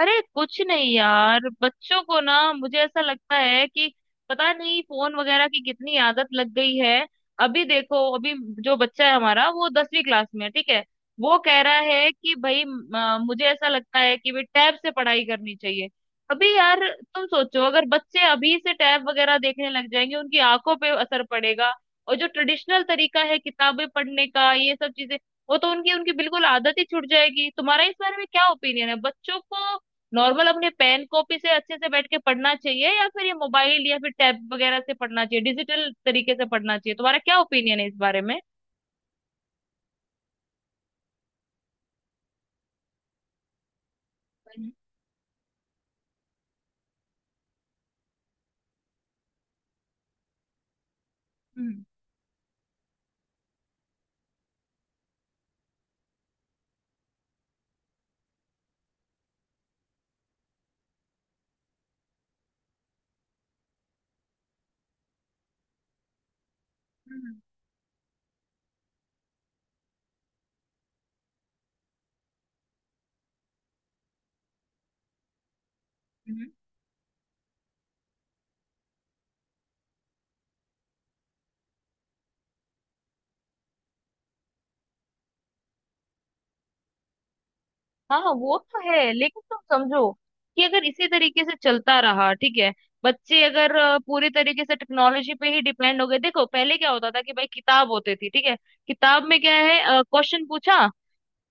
अरे कुछ नहीं यार। बच्चों को ना, मुझे ऐसा लगता है कि पता नहीं फोन वगैरह की कितनी आदत लग गई है। अभी देखो अभी जो बच्चा है हमारा, वो 10वीं क्लास में है, ठीक है। वो कह रहा है कि भाई, मुझे ऐसा लगता है कि भाई टैब से पढ़ाई करनी चाहिए। अभी यार, तुम सोचो, अगर बच्चे अभी से टैब वगैरह देखने लग जाएंगे उनकी आंखों पे असर पड़ेगा। और जो ट्रेडिशनल तरीका है किताबें पढ़ने का, ये सब चीजें, वो तो उनकी उनकी बिल्कुल आदत ही छूट जाएगी। तुम्हारा इस बारे में क्या ओपिनियन है? बच्चों को नॉर्मल अपने पेन कॉपी से अच्छे से बैठ के पढ़ना चाहिए या फिर ये मोबाइल या फिर टैब वगैरह से पढ़ना चाहिए, डिजिटल तरीके से पढ़ना चाहिए? तुम्हारा क्या ओपिनियन है इस बारे में? हम्म, हम्म, हम्म। हाँ, वो तो है, लेकिन तुम समझो कि अगर इसी तरीके से चलता रहा, ठीक है, बच्चे अगर पूरी तरीके से टेक्नोलॉजी पे ही डिपेंड हो गए। देखो पहले क्या होता था कि भाई किताब होती थी, ठीक है, किताब में क्या है, क्वेश्चन पूछा,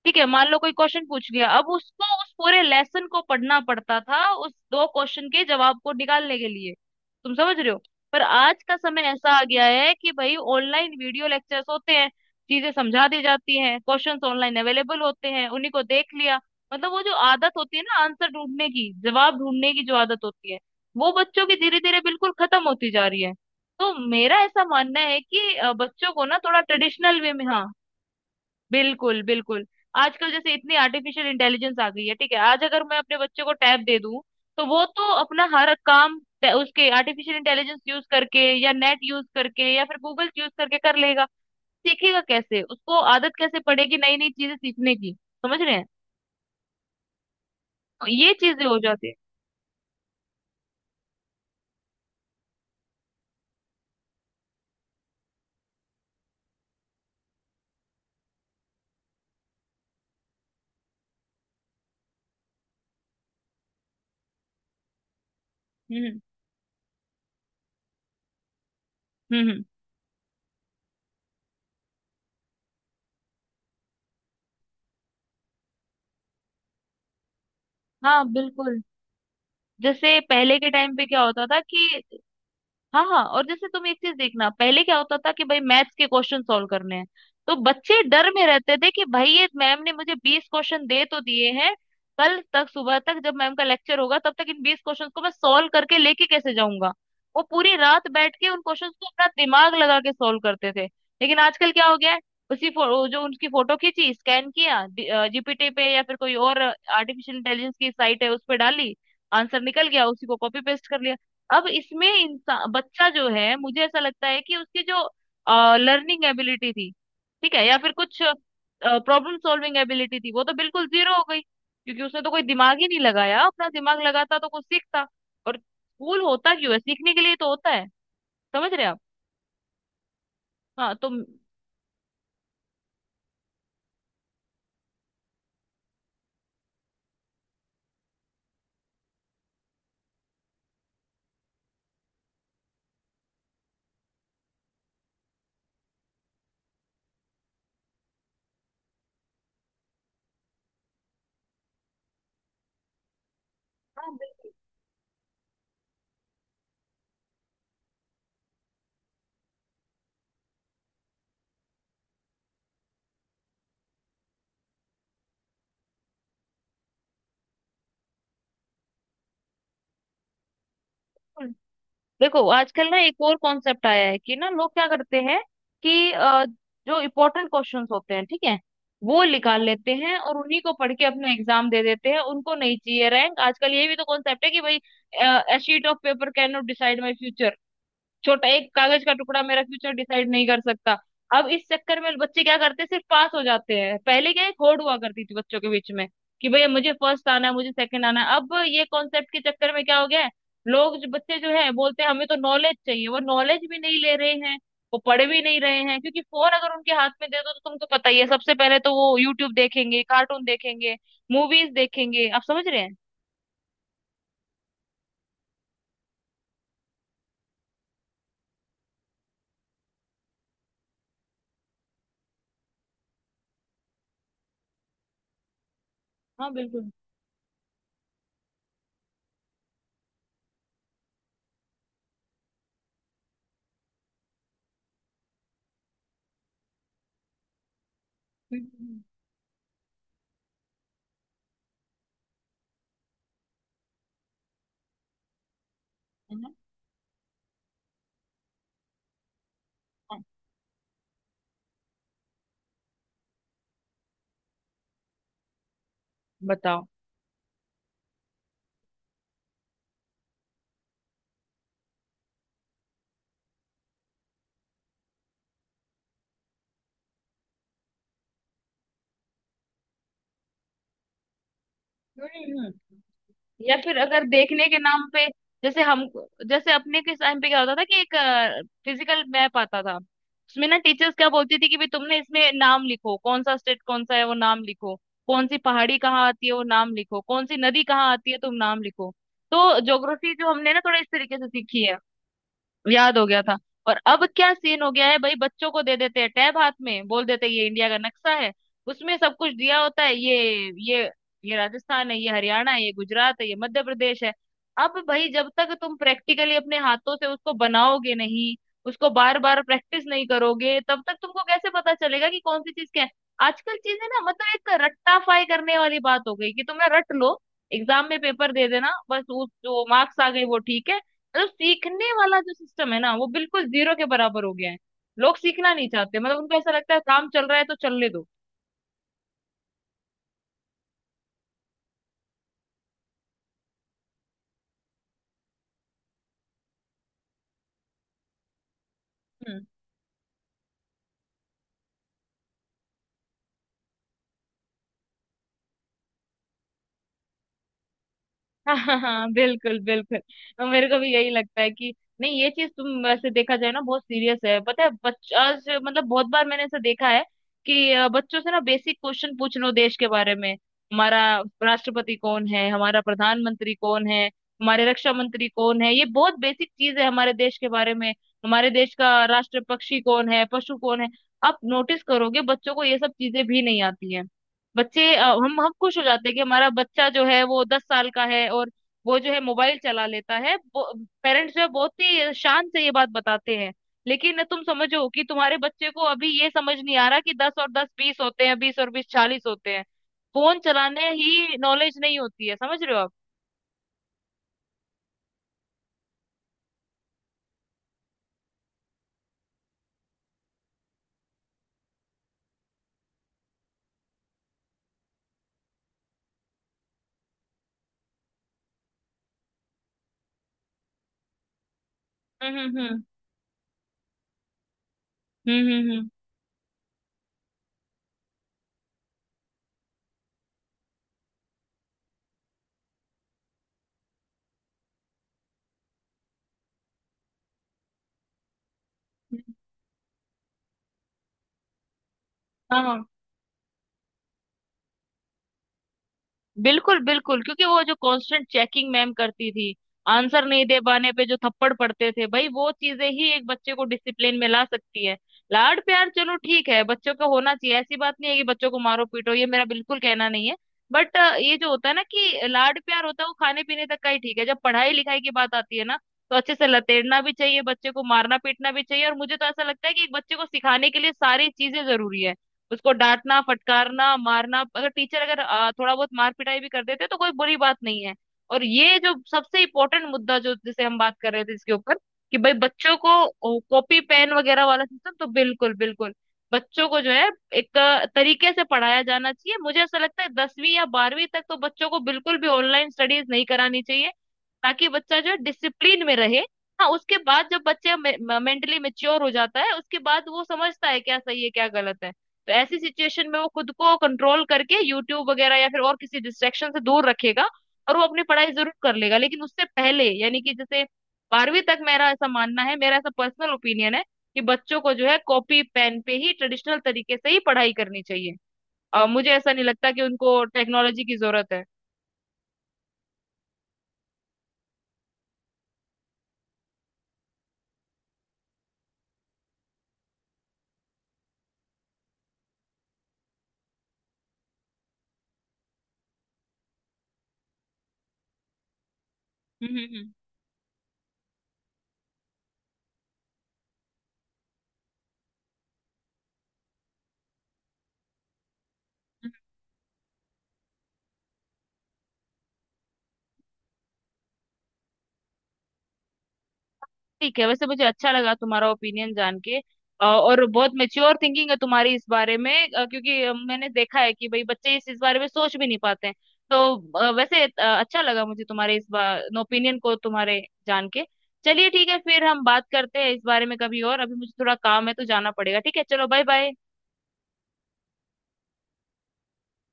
ठीक है, मान लो कोई क्वेश्चन पूछ गया, अब उसको उस पूरे लेसन को पढ़ना पड़ता था उस दो क्वेश्चन के जवाब को निकालने के लिए। तुम समझ रहे हो? पर आज का समय ऐसा आ गया है कि भाई ऑनलाइन वीडियो लेक्चर्स होते हैं, चीजें समझा दी जाती हैं, क्वेश्चंस ऑनलाइन अवेलेबल होते हैं, उन्हीं को देख लिया। मतलब वो जो आदत होती है ना, आंसर ढूंढने की, जवाब ढूंढने की जो आदत होती है, वो बच्चों की धीरे धीरे बिल्कुल खत्म होती जा रही है। तो मेरा ऐसा मानना है कि बच्चों को ना थोड़ा ट्रेडिशनल वे में। हाँ, बिल्कुल बिल्कुल। आजकल जैसे इतनी आर्टिफिशियल इंटेलिजेंस आ गई है, ठीक है, आज अगर मैं अपने बच्चे को टैब दे दूं तो वो तो अपना हर काम उसके आर्टिफिशियल इंटेलिजेंस यूज करके या नेट यूज करके या फिर गूगल यूज करके कर लेगा। सीखेगा कैसे? उसको आदत कैसे पड़ेगी नई नई चीजें सीखने की? समझ रहे हैं? तो ये चीजें हो जाती है। हम्म, हम्म, हाँ बिल्कुल। जैसे पहले के टाइम पे क्या होता था कि हाँ हाँ, और जैसे तुम एक चीज देखना, पहले क्या होता था कि भाई मैथ्स के क्वेश्चन सॉल्व करने हैं तो बच्चे डर में रहते थे कि भाई ये मैम ने मुझे 20 क्वेश्चन दे तो दिए हैं। कल तक सुबह तक जब मैम का लेक्चर होगा तब तक इन 20 क्वेश्चन को मैं सॉल्व करके लेके कैसे जाऊंगा? वो पूरी रात बैठ के उन क्वेश्चन को अपना दिमाग लगा के सॉल्व करते थे। लेकिन आजकल क्या हो गया है, उसी वो जो उनकी फोटो खींची, स्कैन किया, जीपीटी पे या फिर कोई और आर्टिफिशियल इंटेलिजेंस की साइट है उस पर डाली, आंसर निकल गया, उसी को कॉपी पेस्ट कर लिया। अब इसमें इंसान बच्चा जो है, मुझे ऐसा लगता है कि उसकी जो लर्निंग एबिलिटी थी, ठीक है, या फिर कुछ प्रॉब्लम सॉल्विंग एबिलिटी थी, वो तो बिल्कुल जीरो हो गई, क्योंकि उसने तो कोई दिमाग ही नहीं लगाया, अपना दिमाग लगाता तो कुछ सीखता। और स्कूल होता क्यों है? सीखने के लिए तो होता है। समझ रहे हैं आप? हाँ, तो देखो आजकल ना एक और कॉन्सेप्ट आया है कि ना लोग क्या करते हैं कि जो इम्पोर्टेंट क्वेश्चंस होते हैं, ठीक है, वो निकाल लेते हैं और उन्हीं को पढ़ के अपना एग्जाम दे देते हैं। उनको नहीं चाहिए रैंक। आजकल ये भी तो कॉन्सेप्ट है कि भाई, a sheet of paper can not decide my future. छोटा एक कागज का टुकड़ा मेरा फ्यूचर डिसाइड नहीं कर सकता। अब इस चक्कर में बच्चे क्या करते हैं? सिर्फ पास हो जाते हैं। पहले क्या एक होड़ हुआ करती थी बच्चों के बीच में कि भैया मुझे फर्स्ट आना है, मुझे सेकंड आना है। अब ये कॉन्सेप्ट के चक्कर में क्या हो गया है, लोग, जो बच्चे जो है, बोलते हैं हमें तो नॉलेज चाहिए, वो नॉलेज भी नहीं ले रहे हैं, वो पढ़ भी नहीं रहे हैं। क्योंकि फोन अगर उनके हाथ में दे दो तो तुमको पता ही है, सबसे पहले तो वो यूट्यूब देखेंगे, कार्टून देखेंगे, मूवीज देखेंगे। आप समझ रहे हैं? हाँ बिल्कुल। हम्म। है ना? हाँ, बताओ। हम्म, या फिर अगर देखने के नाम पे, जैसे हम, जैसे अपने के टाइम पे क्या होता था कि एक फिजिकल मैप आता था, उसमें ना टीचर्स क्या बोलती थी कि भाई तुमने इसमें नाम लिखो, कौन सा स्टेट कौन सा है वो नाम लिखो, कौन सी पहाड़ी कहाँ आती है वो नाम लिखो, कौन सी नदी कहाँ आती है तुम नाम लिखो। तो ज्योग्राफी जो हमने ना थोड़ा इस तरीके से सीखी है, याद हो गया था। और अब क्या सीन हो गया है भाई? बच्चों को दे देते हैं टैब हाथ में, बोल देते हैं ये इंडिया का नक्शा है, उसमें सब कुछ दिया होता है, ये ये राजस्थान है, ये हरियाणा है, ये गुजरात है, ये मध्य प्रदेश है। अब भाई जब तक तुम प्रैक्टिकली अपने हाथों से उसको बनाओगे नहीं, उसको बार बार प्रैक्टिस नहीं करोगे, तब तक तुमको कैसे पता चलेगा कि कौन सी चीज क्या है? आजकल चीजें ना, मतलब एक रट्टाफाई करने वाली बात हो गई कि तुमने रट लो, एग्जाम में पेपर दे देना बस, उस जो मार्क्स आ गए वो ठीक है। मतलब सीखने वाला जो सिस्टम है ना, वो बिल्कुल जीरो के बराबर हो गया है। लोग सीखना नहीं चाहते, मतलब उनको ऐसा लगता है काम चल रहा है तो चलने दो। हाँ हाँ हाँ बिल्कुल बिल्कुल। और मेरे को भी यही लगता है कि नहीं, ये चीज, तुम वैसे देखा जाए ना, बहुत सीरियस है, पता है। मतलब बहुत बार मैंने ऐसा देखा है कि बच्चों से ना बेसिक क्वेश्चन पूछ लो देश के बारे में। हमारा राष्ट्रपति कौन है? हमारा प्रधानमंत्री कौन है? हमारे रक्षा मंत्री कौन है? ये बहुत बेसिक चीज है हमारे देश के बारे में। हमारे देश का राष्ट्र पक्षी कौन है? पशु कौन है? आप नोटिस करोगे बच्चों को ये सब चीजें भी नहीं आती है। बच्चे हम खुश हो जाते हैं कि हमारा बच्चा जो है वो 10 साल का है, और वो जो है मोबाइल चला लेता है। पेरेंट्स जो है बहुत ही शान से ये बात बताते हैं। लेकिन तुम समझो कि तुम्हारे बच्चे को अभी ये समझ नहीं आ रहा कि 10 और 10, 20 होते हैं, 20 और 20, 40 होते हैं, फोन चलाने ही नॉलेज नहीं होती है। समझ रहे हो आप? हम्म, हम्म, हम्म। हम्म, हम्म, हम्म। हाँ बिल्कुल बिल्कुल, क्योंकि वो जो कांस्टेंट चेकिंग मैम करती थी, आंसर नहीं दे पाने पे जो थप्पड़ पड़ते थे भाई, वो चीजें ही एक बच्चे को डिसिप्लिन में ला सकती है। लाड प्यार, चलो ठीक है, बच्चों का होना चाहिए, ऐसी बात नहीं है कि बच्चों को मारो पीटो, ये मेरा बिल्कुल कहना नहीं है। बट ये जो होता है ना कि लाड प्यार होता है, वो खाने पीने तक का ही ठीक है। जब पढ़ाई लिखाई की बात आती है ना, तो अच्छे से लतेड़ना भी चाहिए, बच्चे को मारना पीटना भी चाहिए, और मुझे तो ऐसा लगता है कि एक बच्चे को सिखाने के लिए सारी चीजें जरूरी है, उसको डांटना, फटकारना, मारना। अगर टीचर अगर थोड़ा बहुत मार पिटाई भी कर देते तो कोई बुरी बात नहीं है। और ये जो सबसे इम्पोर्टेंट मुद्दा जो जिसे हम बात कर रहे थे इसके ऊपर, कि भाई बच्चों को कॉपी पेन वगैरह वाला सिस्टम तो बिल्कुल बिल्कुल, बच्चों को जो है एक तरीके से पढ़ाया जाना चाहिए। मुझे ऐसा लगता है 10वीं या 12वीं तक तो बच्चों को बिल्कुल भी ऑनलाइन स्टडीज नहीं करानी चाहिए, ताकि बच्चा जो है डिसिप्लिन में रहे। हाँ, उसके बाद जब बच्चे मेंटली मेच्योर हो जाता है उसके बाद वो समझता है क्या सही है क्या गलत है। तो ऐसी सिचुएशन में वो खुद को कंट्रोल करके यूट्यूब वगैरह या फिर और किसी डिस्ट्रैक्शन से दूर रखेगा, और वो अपनी पढ़ाई जरूर कर लेगा। लेकिन उससे पहले यानी कि जैसे 12वीं तक, मेरा ऐसा मानना है, मेरा ऐसा पर्सनल ओपिनियन है कि बच्चों को जो है कॉपी पेन पे ही ट्रेडिशनल तरीके से ही पढ़ाई करनी चाहिए। मुझे ऐसा नहीं लगता कि उनको टेक्नोलॉजी की जरूरत है। हम्म, हम्म, हम्म। ठीक है, वैसे मुझे अच्छा लगा तुम्हारा ओपिनियन जान के, और बहुत मेच्योर थिंकिंग है तुम्हारी इस बारे में, क्योंकि मैंने देखा है कि भाई बच्चे इस बारे में सोच भी नहीं पाते हैं। तो वैसे अच्छा लगा मुझे तुम्हारे इस बार ओपिनियन को तुम्हारे जान के। चलिए ठीक है फिर हम बात करते हैं इस बारे में कभी और। अभी मुझे थोड़ा काम है तो जाना पड़ेगा। ठीक है, चलो बाय बाय।